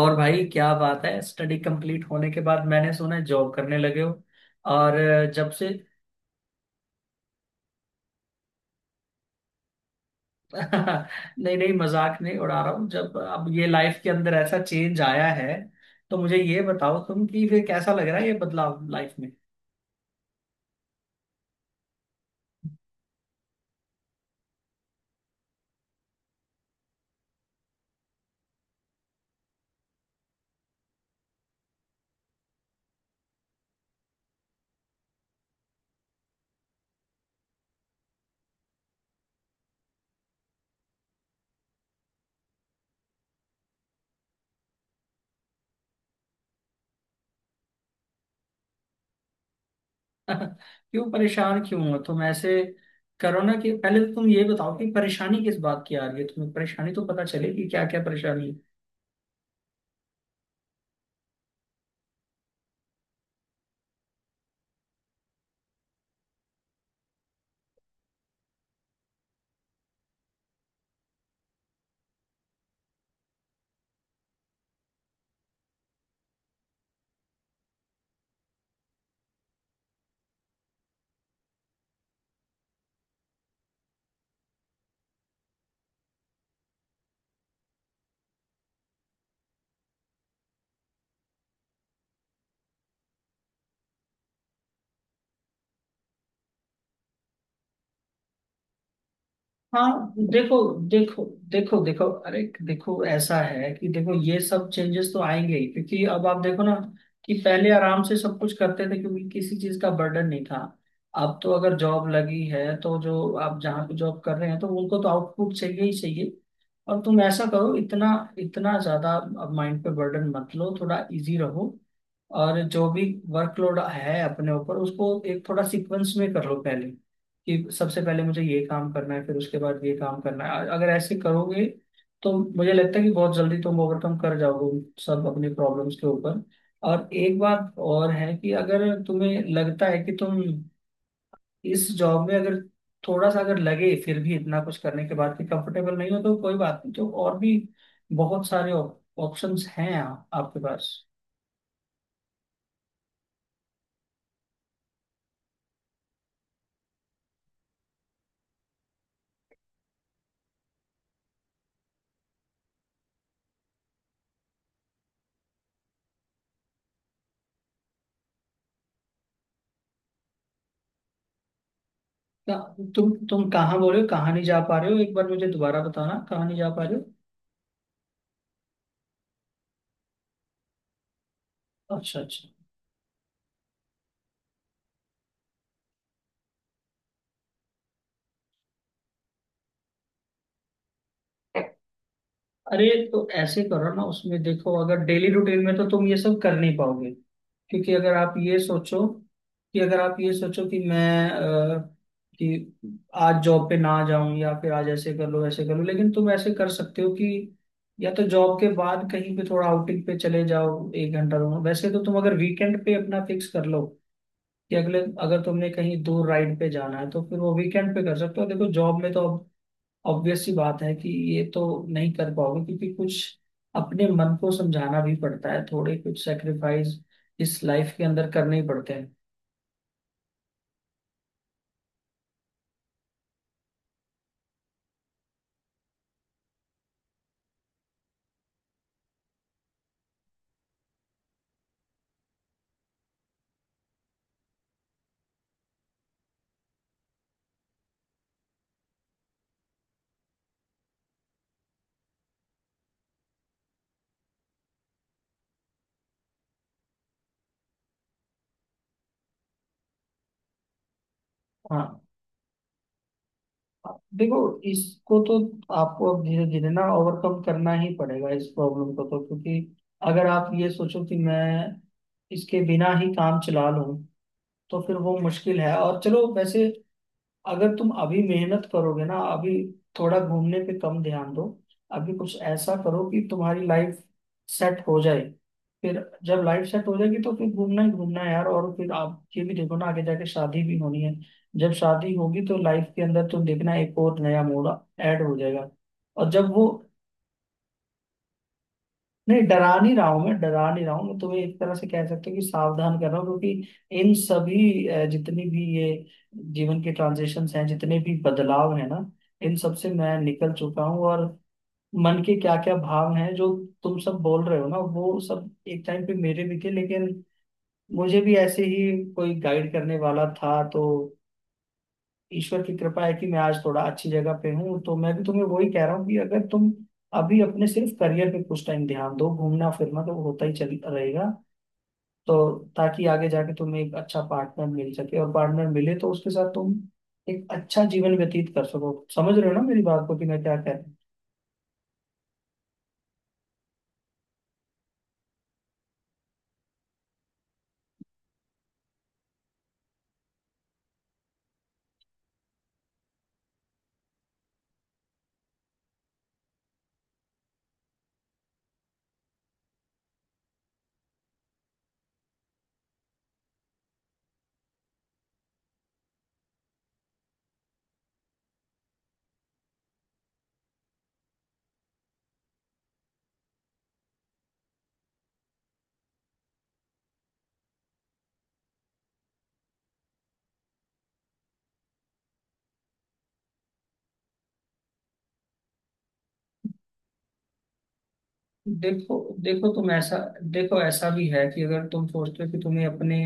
और भाई, क्या बात है। स्टडी कंप्लीट होने के बाद मैंने सुना है जॉब करने लगे हो। और जब से नहीं नहीं, मजाक नहीं उड़ा रहा हूँ। जब अब ये लाइफ के अंदर ऐसा चेंज आया है तो मुझे ये बताओ तुम, कि फिर कैसा लग रहा है ये बदलाव लाइफ में। क्यों परेशान क्यों हो तुम ऐसे? करो ना, कि पहले तो तुम ये बताओ कि परेशानी किस बात की आ रही है तुम्हें। परेशानी तो पता चले कि क्या क्या परेशानी है। हाँ, देखो देखो देखो देखो, अरे देखो, ऐसा है कि देखो ये सब चेंजेस तो आएंगे ही, क्योंकि अब आप देखो ना कि पहले आराम से सब कुछ करते थे क्योंकि किसी चीज का बर्डन नहीं था। अब तो अगर जॉब लगी है तो जो आप जहाँ पे जॉब कर रहे हैं तो उनको तो आउटपुट चाहिए ही चाहिए। और तुम ऐसा करो, इतना इतना ज्यादा अब माइंड पे बर्डन मत लो, थोड़ा इजी रहो। और जो भी वर्कलोड है अपने ऊपर उसको एक थोड़ा सीक्वेंस में कर लो पहले, कि सबसे पहले मुझे ये काम करना है फिर उसके बाद ये काम करना है। अगर ऐसे करोगे तो मुझे लगता है कि बहुत जल्दी तुम ओवरकम कर जाओगे उन सब अपनी प्रॉब्लम्स के ऊपर। और एक बात और है कि अगर तुम्हें लगता है कि तुम इस जॉब में अगर थोड़ा सा अगर लगे फिर भी इतना कुछ करने के बाद कि कंफर्टेबल नहीं हो तो कोई बात नहीं, तो और भी बहुत सारे ऑप्शंस हैं आपके पास। क्या- तुम कहाँ बोल रहे हो, कहाँ नहीं जा पा रहे हो? एक बार मुझे दोबारा बताना कहाँ नहीं जा पा रहे हो। अच्छा अच्छा। अरे तो ऐसे करो ना उसमें, देखो अगर डेली रूटीन में तो तुम ये सब कर नहीं पाओगे। क्योंकि अगर आप ये सोचो कि मैं कि आज जॉब पे ना जाऊं या फिर आज ऐसे कर लो ऐसे कर लो, लेकिन तुम ऐसे कर सकते हो कि या तो जॉब के बाद कहीं पे थोड़ा आउटिंग पे चले जाओ, एक घंटा दो घंटा। वैसे तो तुम अगर वीकेंड पे अपना फिक्स कर लो कि अगले, अगर तुमने कहीं दूर राइड पे जाना है तो फिर वो वीकेंड पे कर सकते हो। देखो जॉब में तो ऑब्वियस सी बात है कि ये तो नहीं कर पाओगे, क्योंकि कुछ अपने मन को समझाना भी पड़ता है, थोड़े कुछ सेक्रीफाइस इस लाइफ के अंदर करने ही पड़ते हैं। हाँ, देखो इसको तो आपको अब धीरे धीरे ना ओवरकम करना ही पड़ेगा इस प्रॉब्लम को, तो क्योंकि अगर आप ये सोचो कि मैं इसके बिना ही काम चला लूं तो फिर वो मुश्किल है। और चलो वैसे, अगर तुम अभी मेहनत करोगे ना, अभी थोड़ा घूमने पे कम ध्यान दो। अभी कुछ ऐसा करो कि तुम्हारी लाइफ सेट हो जाए। फिर जब लाइफ सेट हो जाएगी तो फिर घूमना ही घूमना है यार। और फिर आप ये भी देखो ना, आगे जाके शादी भी होनी है। जब शादी होगी तो लाइफ के अंदर तुम देखना एक और नया मोड़ ऐड हो जाएगा। और जब वो नहीं डरा नहीं रहा हूं, मैं डरा नहीं रहा हूं, मैं तुम्हें एक तरह से कह सकते हो कि सावधान कर रहा हूँ। क्योंकि इन सभी जितनी भी ये जीवन के ट्रांजिशंस हैं, जितने भी बदलाव हैं ना, इन सब से मैं निकल चुका हूँ। और मन के क्या क्या भाव हैं जो तुम सब बोल रहे हो ना, वो सब एक टाइम पे मेरे भी थे। लेकिन मुझे भी ऐसे ही कोई गाइड करने वाला था, तो ईश्वर की कृपा है कि मैं आज थोड़ा अच्छी जगह पे हूँ। तो मैं भी तुम्हें वही कह रहा हूँ कि अगर तुम अभी अपने सिर्फ करियर पे कुछ टाइम ध्यान दो, घूमना फिरना तो होता ही चल रहेगा। तो ताकि आगे जाके तुम्हें एक अच्छा पार्टनर मिल सके, और पार्टनर मिले तो उसके साथ तुम एक अच्छा जीवन व्यतीत कर सको। समझ रहे हो ना मेरी बात को, कि मैं क्या कह रहा हूँ। देखो। देखो तुम ऐसा देखो ऐसा भी है कि अगर तुम सोचते हो कि तुम्हें अपने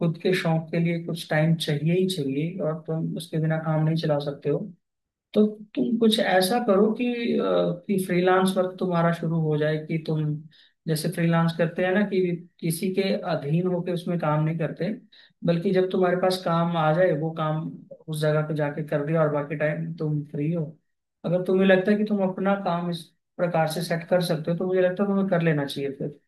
खुद के शौक के लिए कुछ टाइम चाहिए ही चाहिए और तुम उसके बिना काम नहीं चला सकते हो, तो तुम कुछ ऐसा करो कि अ, कि फ्रीलांस वर्क तुम्हारा शुरू हो जाए, कि तुम जैसे फ्रीलांस करते हैं ना, कि किसी के अधीन होके उसमें काम नहीं करते, बल्कि जब तुम्हारे पास काम आ जाए वो काम उस जगह पे जाके कर दिया और बाकी टाइम तुम फ्री हो। अगर तुम्हें लगता है कि तुम अपना काम इस प्रकार से सेट कर सकते हो तो मुझे लगता है तुम्हें कर लेना चाहिए फिर।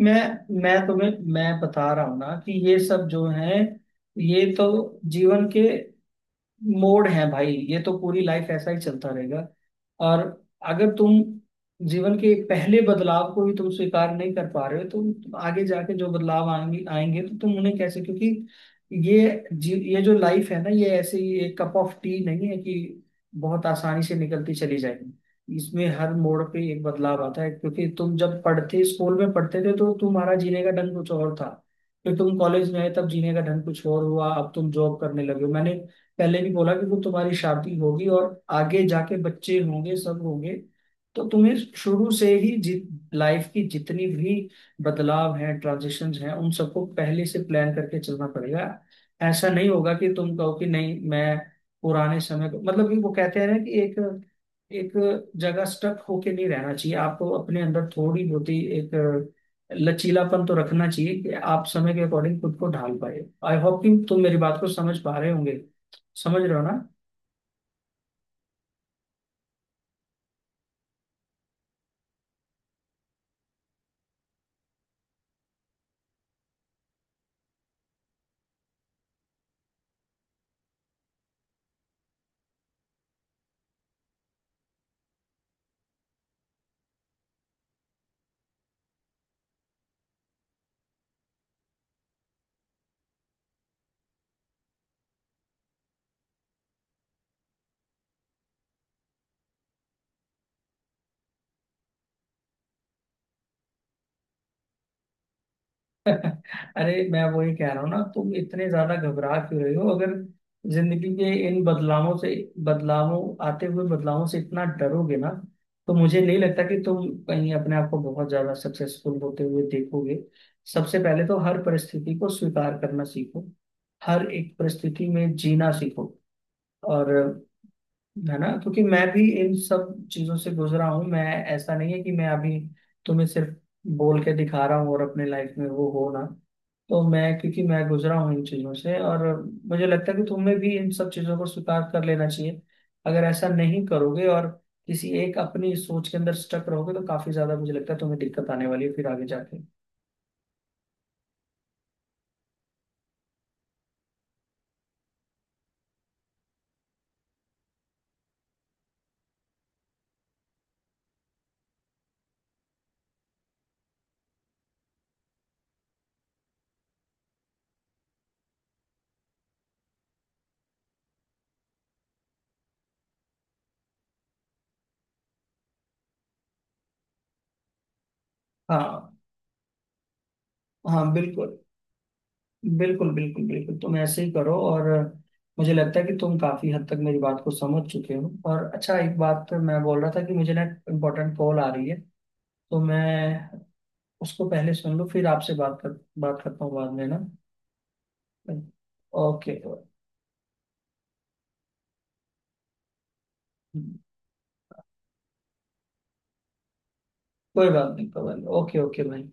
मैं मैं तुम्हें मैं बता रहा हूँ ना, कि ये सब जो है ये तो जीवन के मोड़ है भाई, ये तो पूरी लाइफ ऐसा ही चलता रहेगा। और अगर तुम जीवन के पहले बदलाव को ही तुम स्वीकार नहीं कर पा रहे हो तो तुम आगे जाके जो बदलाव आएंगे आएंगे तो तुम उन्हें कैसे? क्योंकि ये जो लाइफ है ना ये ऐसे ही एक कप ऑफ टी नहीं है कि बहुत आसानी से निकलती चली जाएगी, इसमें हर मोड़ पे एक बदलाव आता है। क्योंकि तुम जब पढ़ते स्कूल में पढ़ते थे तो तुम्हारा जीने का ढंग कुछ और था, फिर तुम कॉलेज में आए तब जीने का ढंग कुछ और हुआ, अब तुम जॉब करने लगे हो। मैंने पहले भी बोला कि वो तुम्हारी शादी होगी और आगे जाके बच्चे होंगे, सब होंगे। तो तुम्हें शुरू से ही लाइफ की जितनी भी बदलाव हैं, ट्रांजिशंस हैं, उन सबको पहले से प्लान करके चलना पड़ेगा। ऐसा नहीं होगा कि तुम कहो कि नहीं मैं पुराने समय को, मतलब कि वो कहते हैं ना कि एक एक जगह स्टक होके नहीं रहना चाहिए। आपको अपने अंदर थोड़ी बहुत ही एक लचीलापन तो रखना चाहिए कि आप समय के अकॉर्डिंग खुद को ढाल पाए। आई होप कि तुम मेरी बात को समझ पा रहे होंगे। समझ रहे हो ना? अरे मैं वही कह रहा हूँ ना, तुम इतने ज्यादा घबरा क्यों रहे हो? अगर जिंदगी के इन बदलावों से, बदलावों आते हुए बदलावों से इतना डरोगे ना तो मुझे नहीं लगता कि तुम कहीं अपने आप को बहुत ज्यादा सक्सेसफुल होते हुए देखोगे। सबसे पहले तो हर परिस्थिति को स्वीकार करना सीखो, हर एक परिस्थिति में जीना सीखो। और है ना, क्योंकि मैं भी इन सब चीजों से गुजरा हूँ। मैं, ऐसा नहीं है कि मैं अभी तुम्हें सिर्फ बोल के दिखा रहा हूँ और अपने लाइफ में वो हो ना, तो मैं, क्योंकि मैं गुजरा हूँ इन चीजों से, और मुझे लगता है कि तुम्हें भी इन सब चीजों को स्वीकार कर लेना चाहिए। अगर ऐसा नहीं करोगे और किसी एक अपनी सोच के अंदर स्टक रहोगे तो काफी ज्यादा मुझे लगता है तुम्हें दिक्कत आने वाली है फिर आगे जाके। हाँ हाँ, बिल्कुल बिल्कुल बिल्कुल बिल्कुल, तुम ऐसे ही करो। और मुझे लगता है कि तुम काफी हद तक मेरी बात को समझ चुके हो। और अच्छा, एक बात मैं बोल रहा था कि मुझे ना इम्पोर्टेंट कॉल आ रही है तो मैं उसको पहले सुन लूँ फिर आपसे बात करता हूँ बाद में ना। ओके। कोई बात नहीं कोई बात नहीं, ओके ओके भाई।